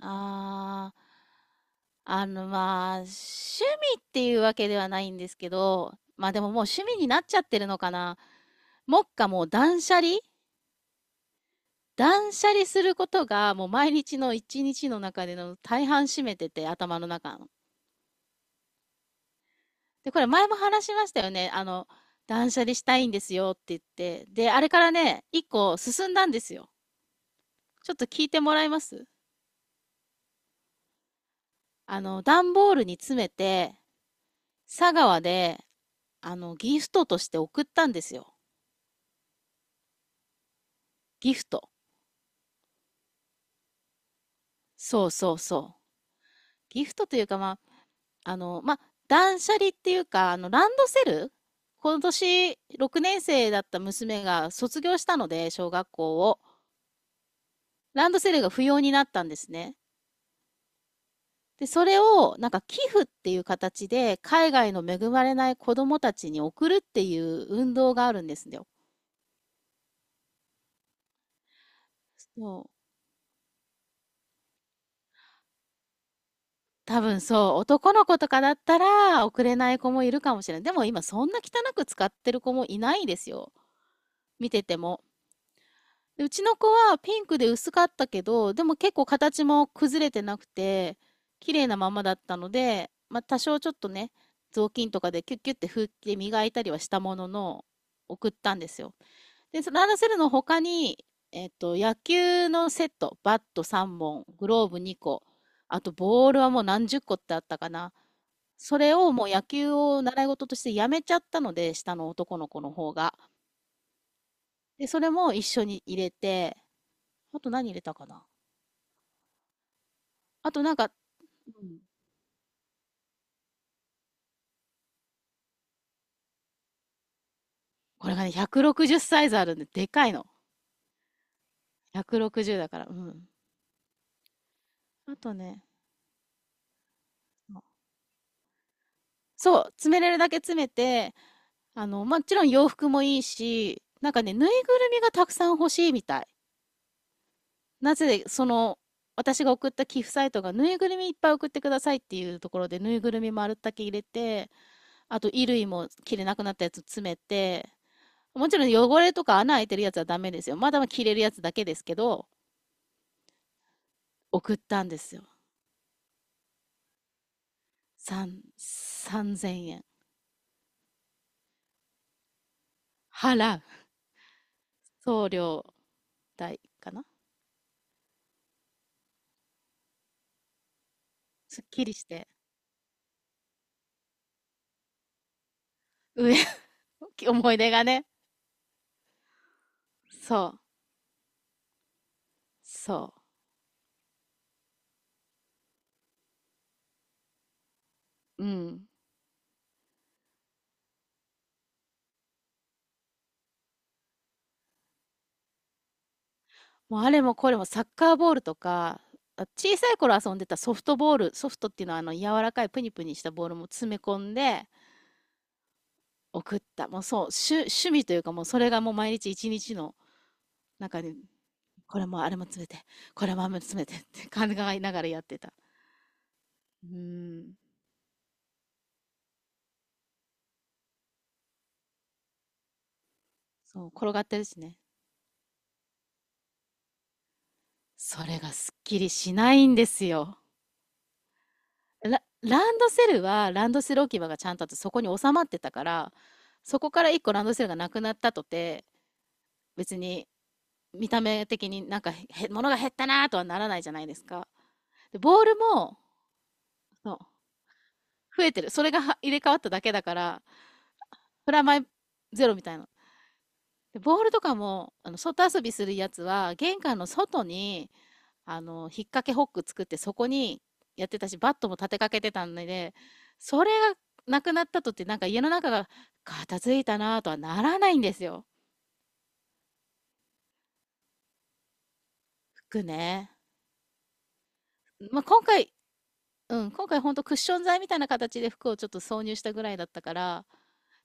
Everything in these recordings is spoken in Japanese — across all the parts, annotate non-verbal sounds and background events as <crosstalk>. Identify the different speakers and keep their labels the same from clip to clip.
Speaker 1: ああ、まあ、趣味っていうわけではないんですけど、まあでももう趣味になっちゃってるのかな。目下もう断捨離することがもう毎日の一日の中での大半占めてて、頭の中の。で、これ前も話しましたよね。断捨離したいんですよって言って。で、あれからね、一個進んだんですよ。ちょっと聞いてもらえます？段ボールに詰めて、佐川で、ギフトとして送ったんですよ。ギフト。そうそうそう。ギフトというか、まあ、あの、まあ、断捨離っていうか、ランドセル、今年6年生だった娘が卒業したので、小学校を。ランドセルが不要になったんですね。で、それを、なんか寄付っていう形で、海外の恵まれない子供たちに送るっていう運動があるんですよ。そう。多分そう、男の子とかだったら送れない子もいるかもしれない。でも今そんな汚く使ってる子もいないですよ。見てても。で、うちの子はピンクで薄かったけど、でも結構形も崩れてなくて、綺麗なままだったので、まあ多少ちょっとね、雑巾とかでキュッキュッて拭いて磨いたりはしたものの、送ったんですよ。で、そのランドセルの他に、野球のセット、バット3本、グローブ2個、あとボールはもう何十個ってあったかな。それをもう野球を習い事としてやめちゃったので、下の男の子の方が。で、それも一緒に入れて、あと何入れたかな。あとなんか、うん、これがね、160サイズあるんで、でかいの。160だから、うん。あとね、そう、詰めれるだけ詰めて、もちろん洋服もいいし、なんかね、ぬいぐるみがたくさん欲しいみたい。なぜ、その、私が送った寄付サイトがぬいぐるみいっぱい送ってくださいっていうところでぬいぐるみ丸だけ入れて、あと衣類も着れなくなったやつ詰めて、もちろん汚れとか穴開いてるやつはダメですよ、まだ着れるやつだけですけど、送ったんですよ。3000円払う、送料代かな。すっきりして。上。 <laughs> 思い出がね。そうそう。うん。もうあれもこれもサッカーボールとか、あ、小さい頃遊んでたソフトボール、ソフトっていうのは、あの柔らかいプニプニしたボールも詰め込んで送った。もう、そう、趣味というか、もうそれがもう毎日一日の中にこれもあれも詰めて、これもあれも詰めてって考えながらやってた。うん。そう、転がってるしね。それがすっきりしないんですよ。ランドセルは、ランドセル置き場がちゃんとあって、そこに収まってたから、そこから1個ランドセルがなくなったとて、別に見た目的になんか、へ、物が減ったなとはならないじゃないですか。で、ボールも、そう、増えてる。それがは入れ替わっただけだから、プラマイゼロみたいな。で、ボールとかも、外遊びするやつは、玄関の外に、引っ掛けホック作ってそこにやってたし、バットも立てかけてたので、それがなくなったとって、なんか家の中が片付いたなとはならないんですよ。服ね。まあ、今回、うん、今回ほんとクッション材みたいな形で服をちょっと挿入したぐらいだったから、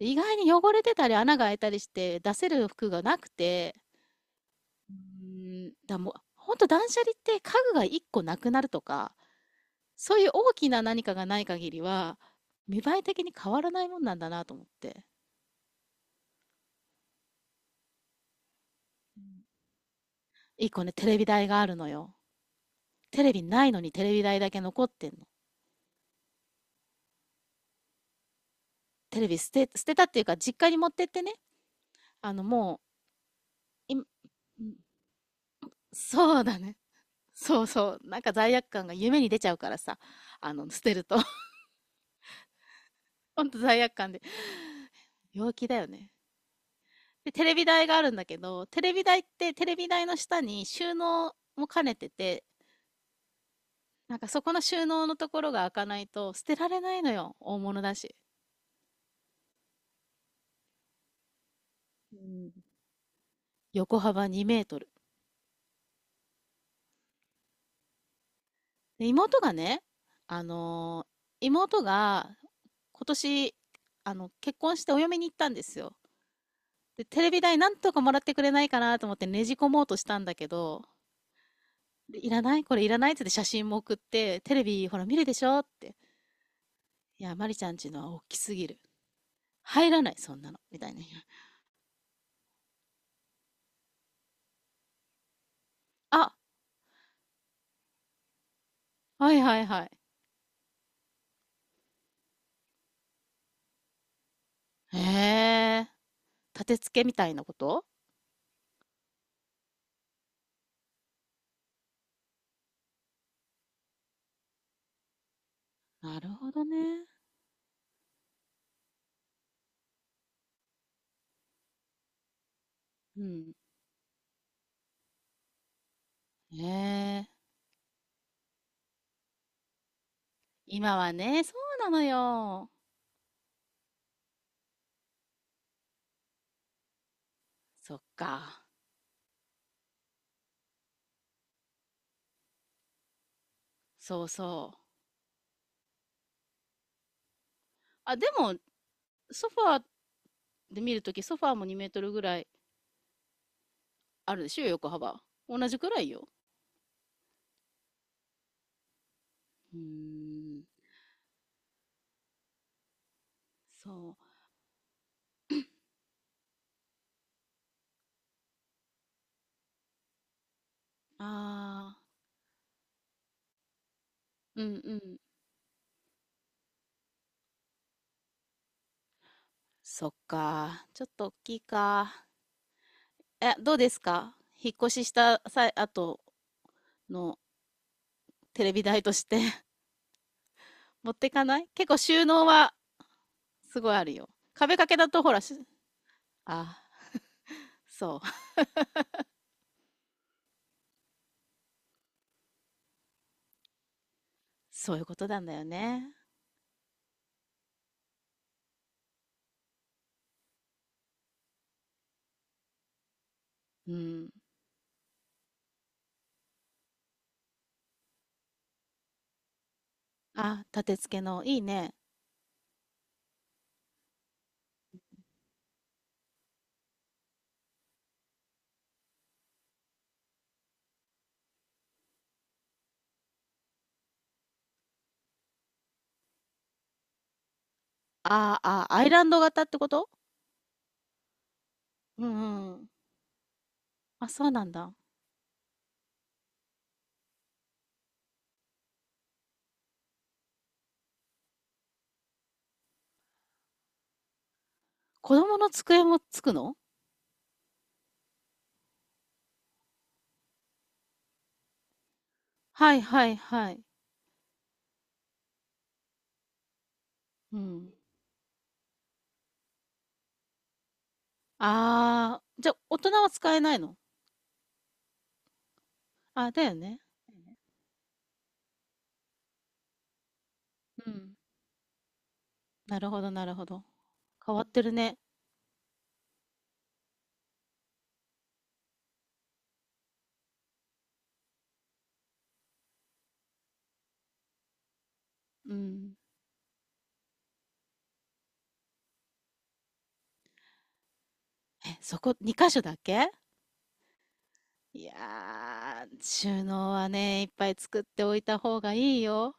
Speaker 1: 意外に汚れてたり穴が開いたりして出せる服がなくて、うん、だからもう、ほんと断捨離って家具が1個なくなるとか、そういう大きな何かがない限りは、見栄え的に変わらないもんなんだなと思って。一個ね、テレビ台があるのよ。テレビないのにテレビ台だけ残ってんの。テレビ捨てたっていうか、実家に持ってってね。もう、い、ん、そうだね。そうそう。なんか罪悪感が夢に出ちゃうからさ。捨てると。<laughs> ほんと罪悪感で。陽気だよね。で、テレビ台があるんだけど、テレビ台って、テレビ台の下に収納も兼ねてて、なんかそこの収納のところが開かないと捨てられないのよ。大物だし。うん。横幅2メートル。で、妹がね、妹が今年、結婚してお嫁に行ったんですよ。で、テレビ代なんとかもらってくれないかなと思ってねじ込もうとしたんだけど、で、いらない、これいらないっつって、写真も送って、テレビほら見るでしょって。いや、マリちゃんちのは大きすぎる。入らない、そんなの。みたいな。あ、はいはいはい。へえ。立て付けみたいなこと？なるほどね。うん。ねえ。今はね、そうなのよ。そっか。そうそう。あ、でも、ソファーで見るとき、ソファーも2メートルぐらいあるでしょ、横幅。同じくらいよ。うーん。そう。ああ。うんうん。そっか。ちょっと大きいか。え、どうですか、引っ越しした際、後のテレビ台として <laughs> 持ってかない？結構収納はすごいあるよ。壁掛けだとほらし、あ、そう、<laughs> そういうことなんだよね。うん。あ、立て付けの、いいね。ああ、アイランド型ってこと？うんうん。あ、そうなんだ。子供の机もつくの？はいはいはい。うん。ああ、じゃあ大人は使えないの？あ、だよね。うん。なるほどなるほど。変わってるね。うん。え、そこ2箇所だけ？いやー、収納はね、いっぱい作っておいた方がいいよ。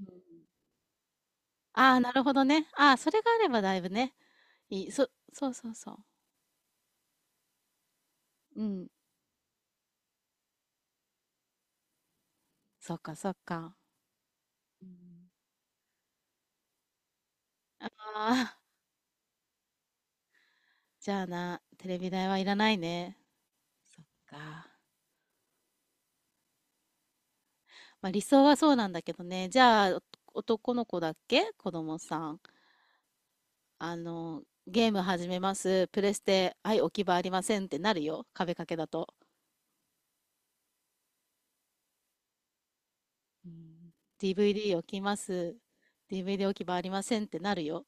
Speaker 1: うん。ああ、なるほどね。ああ、それがあればだいぶね、いい。そうそうそう。うん。そっかそっか。うん。ああ、じゃあな、テレビ台はいらないね。そっか。まあ理想はそうなんだけどね。じゃあ、お男の子だっけ子供さん？ゲーム始めます。プレステ、はい、置き場ありませんってなるよ。壁掛けだと。うん DVD 置きます。DVD 置き場ありませんってなるよ。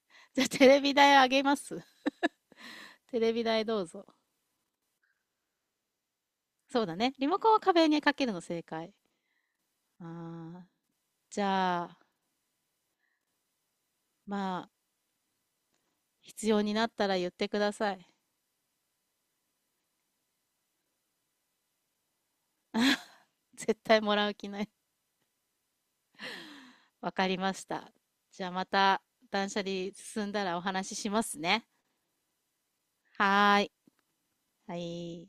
Speaker 1: <laughs> じゃあテレビ台あげます。<laughs> テレビ台どうぞ。そうだね。リモコンは壁にかけるの正解。ああ、じゃあ、まあ、必要になったら言ってください。<laughs> 絶対もらう気ない。<laughs> わかりました。じゃあまた断捨離進んだらお話ししますね。はーい。はい。